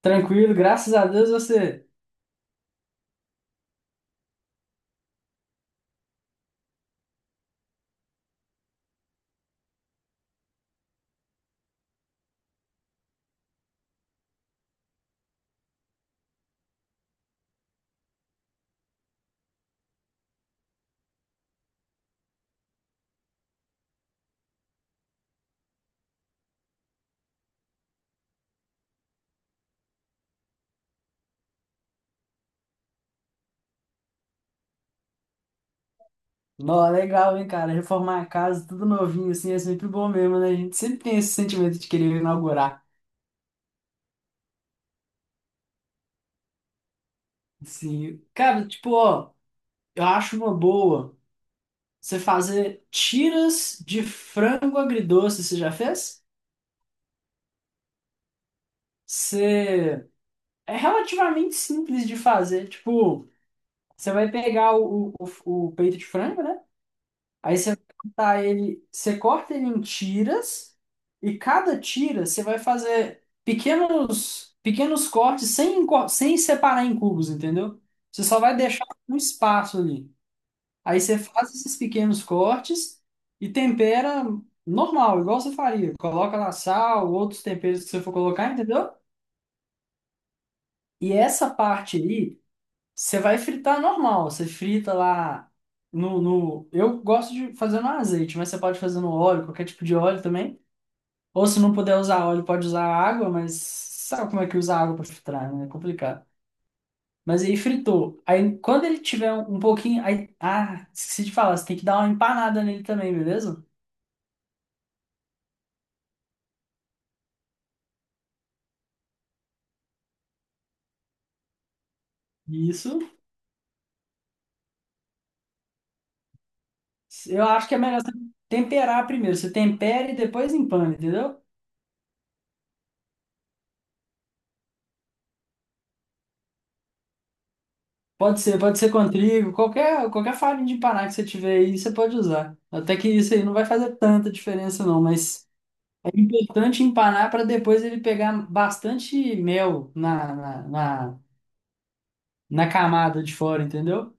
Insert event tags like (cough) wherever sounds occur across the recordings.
Tranquilo, graças a Deus você. Nó, legal, hein, cara? Reformar a casa, tudo novinho, assim, é sempre bom mesmo, né? A gente sempre tem esse sentimento de querer inaugurar. Assim, cara, tipo, ó, eu acho uma boa você fazer tiras de frango agridoce, você já fez? Você... É relativamente simples de fazer. Tipo, você vai pegar o peito de frango, né? Aí você vai cortar ele, você corta ele em tiras e cada tira você vai fazer pequenos cortes sem separar em cubos, entendeu? Você só vai deixar um espaço ali. Aí você faz esses pequenos cortes e tempera normal, igual você faria. Coloca lá sal, outros temperos que você for colocar, entendeu? E essa parte aí você vai fritar normal, você frita lá no... Eu gosto de fazer no azeite, mas você pode fazer no óleo, qualquer tipo de óleo também. Ou se não puder usar óleo, pode usar água, mas sabe como é que usa água para fritar, né? É complicado. Mas aí fritou. Aí quando ele tiver um pouquinho... Aí... esqueci de falar, você tem que dar uma empanada nele também, beleza? Isso. Eu acho que é melhor você temperar primeiro. Você tempera e depois empana, entendeu? Pode ser com trigo, qualquer farinha de paná que você tiver aí, você pode usar. Até que isso aí não vai fazer tanta diferença não, mas é importante empanar para depois ele pegar bastante mel na camada de fora, entendeu?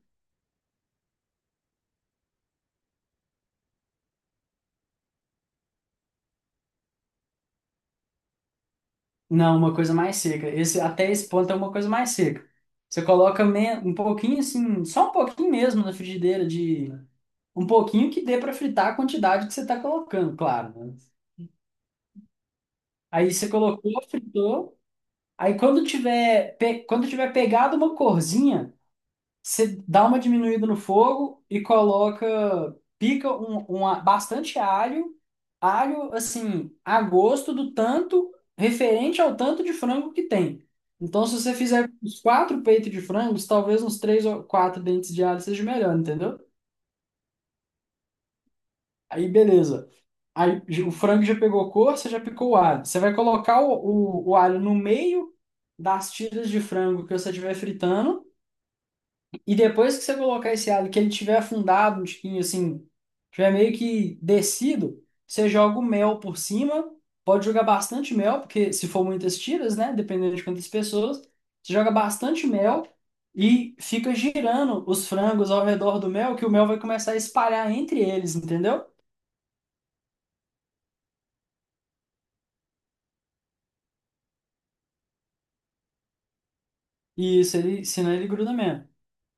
Não, uma coisa mais seca. Esse, até esse ponto é uma coisa mais seca. Você coloca um pouquinho assim, só um pouquinho mesmo na frigideira de... Um pouquinho que dê para fritar a quantidade que você está colocando, claro, né? Aí você colocou, fritou... Aí quando tiver, quando tiver pegado uma corzinha, você dá uma diminuída no fogo e coloca, pica bastante alho, alho assim, a gosto do tanto, referente ao tanto de frango que tem. Então, se você fizer uns quatro peitos de frangos, talvez uns três ou quatro dentes de alho seja melhor, entendeu? Aí, beleza. O frango já pegou cor, você já picou o alho. Você vai colocar o alho no meio das tiras de frango que você estiver fritando. E depois que você colocar esse alho, que ele tiver afundado um tiquinho assim, tiver meio que descido, você joga o mel por cima. Pode jogar bastante mel, porque se for muitas tiras, né? Dependendo de quantas pessoas, você joga bastante mel e fica girando os frangos ao redor do mel, que o mel vai começar a espalhar entre eles, entendeu? E isso, ele, senão ele gruda mesmo.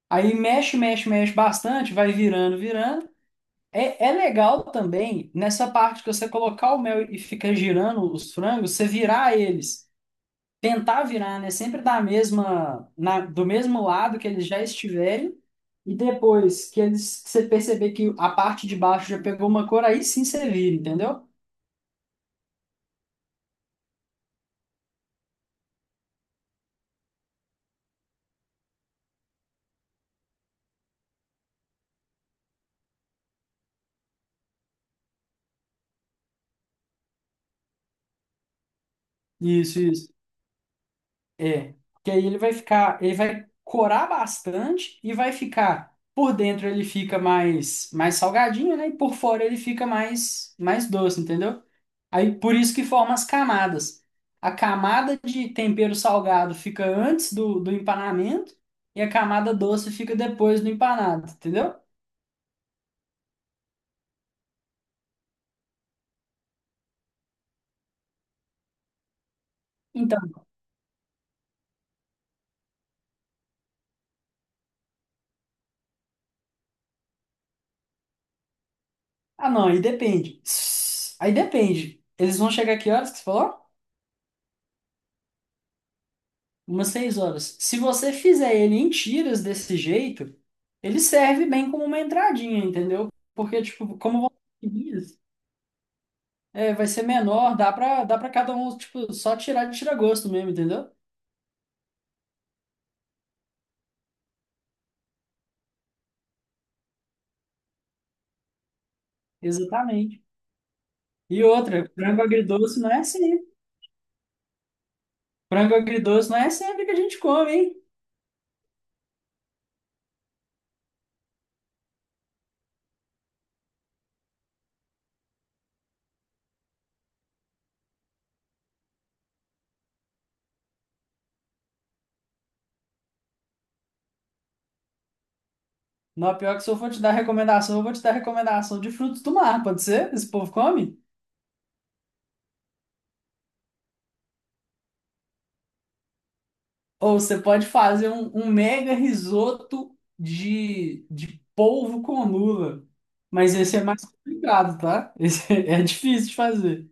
Aí mexe, mexe, mexe bastante, vai virando, virando. É, é legal também nessa parte que você colocar o mel e ficar girando os frangos, você virar eles, tentar virar, né? Sempre da mesma, do mesmo lado que eles já estiverem, e depois que eles que você perceber que a parte de baixo já pegou uma cor, aí sim você vira, entendeu? Isso, isso. É. Que aí ele vai ficar, ele vai corar bastante e vai ficar por dentro ele fica mais salgadinho, né? E por fora ele fica mais doce, entendeu? Aí por isso que forma as camadas. A camada de tempero salgado fica antes do empanamento e a camada doce fica depois do empanado, entendeu? Então, ah não, aí depende. Aí depende. Eles vão chegar que horas que você falou? Umas 6 horas. Se você fizer ele em tiras desse jeito, ele serve bem como uma entradinha, entendeu? Porque, tipo, como vão ser seguidas, é, vai ser menor, dá pra cada um, tipo, só tirar de tira-gosto mesmo, entendeu? Exatamente. E outra, frango agridoce não é assim. Frango agridoce não é sempre que a gente come, hein? Não, pior que se eu for te dar recomendação, eu vou te dar recomendação de frutos do mar, pode ser? Esse povo come? Ou você pode fazer um mega risoto de polvo com lula. Mas esse é mais complicado, tá? Esse (laughs) é difícil de fazer.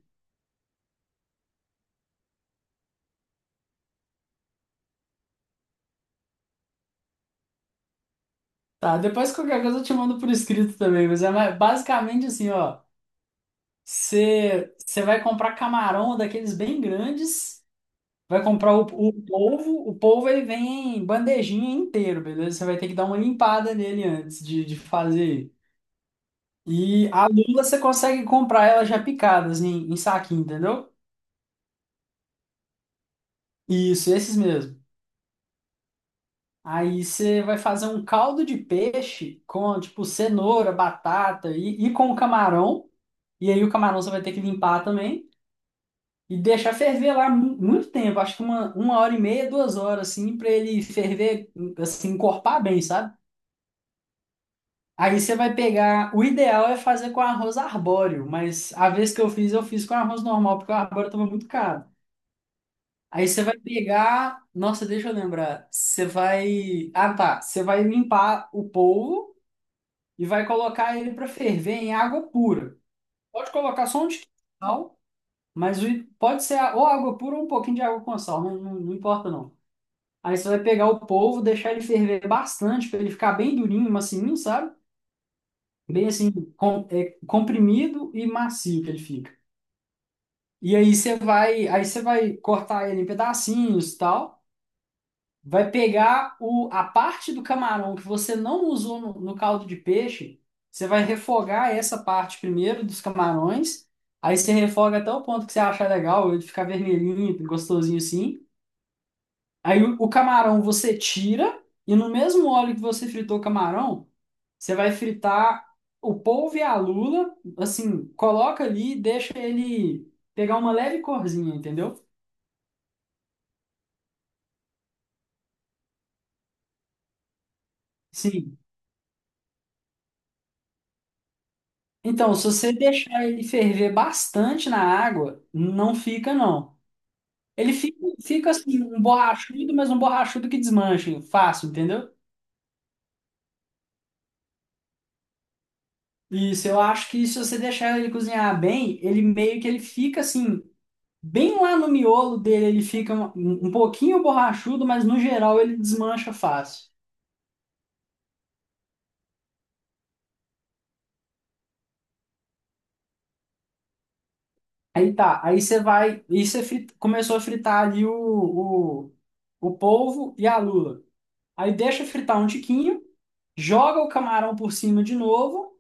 Tá, depois qualquer coisa eu te mando por escrito também, mas basicamente assim, ó. Você vai comprar camarão daqueles bem grandes. Vai comprar o polvo, o polvo ele vem em bandejinha inteiro, beleza? Você vai ter que dar uma limpada nele antes de fazer. E a lula você consegue comprar ela já picada, assim, em saquinho, entendeu? Isso, esses mesmo. Aí você vai fazer um caldo de peixe com, tipo, cenoura, batata e com camarão. E aí o camarão você vai ter que limpar também e deixar ferver lá muito tempo, acho que uma hora e meia, duas horas, assim, pra ele ferver, assim, encorpar bem, sabe? Aí você vai pegar. O ideal é fazer com arroz arbóreo, mas a vez que eu fiz com arroz normal, porque o arbóreo tava muito caro. Aí você vai pegar. Nossa, deixa eu lembrar. Você vai. Ah, tá. Você vai limpar o polvo e vai colocar ele para ferver em água pura. Pode colocar só um tiquinho de sal, mas pode ser ou água pura ou um pouquinho de água com sal, não, não, não importa não. Aí você vai pegar o polvo, deixar ele ferver bastante, para ele ficar bem durinho, macinho, sabe? Bem assim, é, comprimido e macio que ele fica. E aí você vai cortar ele em pedacinhos e tal. Vai pegar o, a parte do camarão que você não usou no caldo de peixe, você vai refogar essa parte primeiro dos camarões. Aí você refoga até o ponto que você achar legal, ele ficar vermelhinho, gostosinho assim. Aí o camarão você tira e no mesmo óleo que você fritou o camarão, você vai fritar o polvo e a lula, assim, coloca ali e deixa ele pegar uma leve corzinha, entendeu? Sim. Então, se você deixar ele ferver bastante na água, não fica, não. Ele fica, fica assim, um borrachudo, mas um borrachudo que desmancha, fácil, entendeu? Isso, eu acho que se você deixar ele cozinhar bem, ele meio que ele fica assim, bem lá no miolo dele, ele fica um, um pouquinho borrachudo, mas no geral ele desmancha fácil. Aí tá, aí você vai, e começou a fritar ali o, o polvo e a lula. Aí deixa fritar um tiquinho, joga o camarão por cima de novo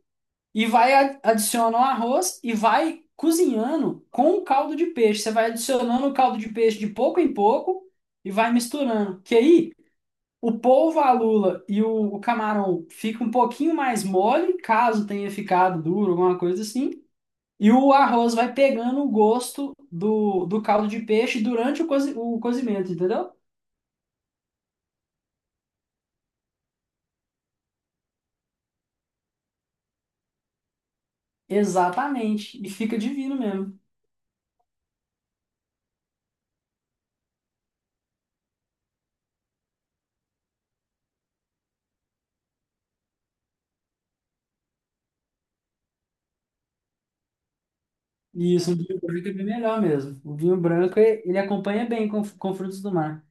e adiciona o arroz e vai cozinhando com o caldo de peixe. Você vai adicionando o caldo de peixe de pouco em pouco e vai misturando. Que aí o polvo, a lula e o camarão fica um pouquinho mais mole, caso tenha ficado duro, alguma coisa assim. E o arroz vai pegando o gosto do caldo de peixe durante o, o cozimento, entendeu? Exatamente. E fica divino mesmo. E isso, o vinho branco é bem melhor mesmo. O vinho branco, ele acompanha bem com frutos do mar.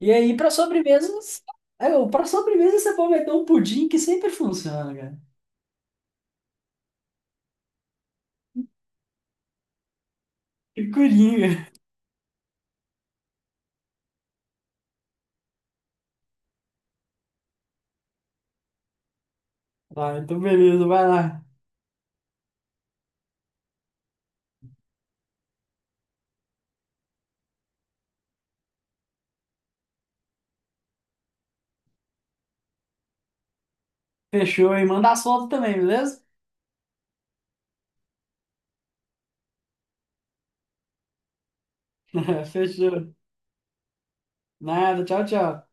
E aí, para sobremesas, para sobremesa você pode meter um pudim que sempre funciona, cara. Que coringa. Ah, então beleza, vai lá. Fechou, e manda as fotos também, beleza? (laughs) Fechou. Nada, tchau, tchau.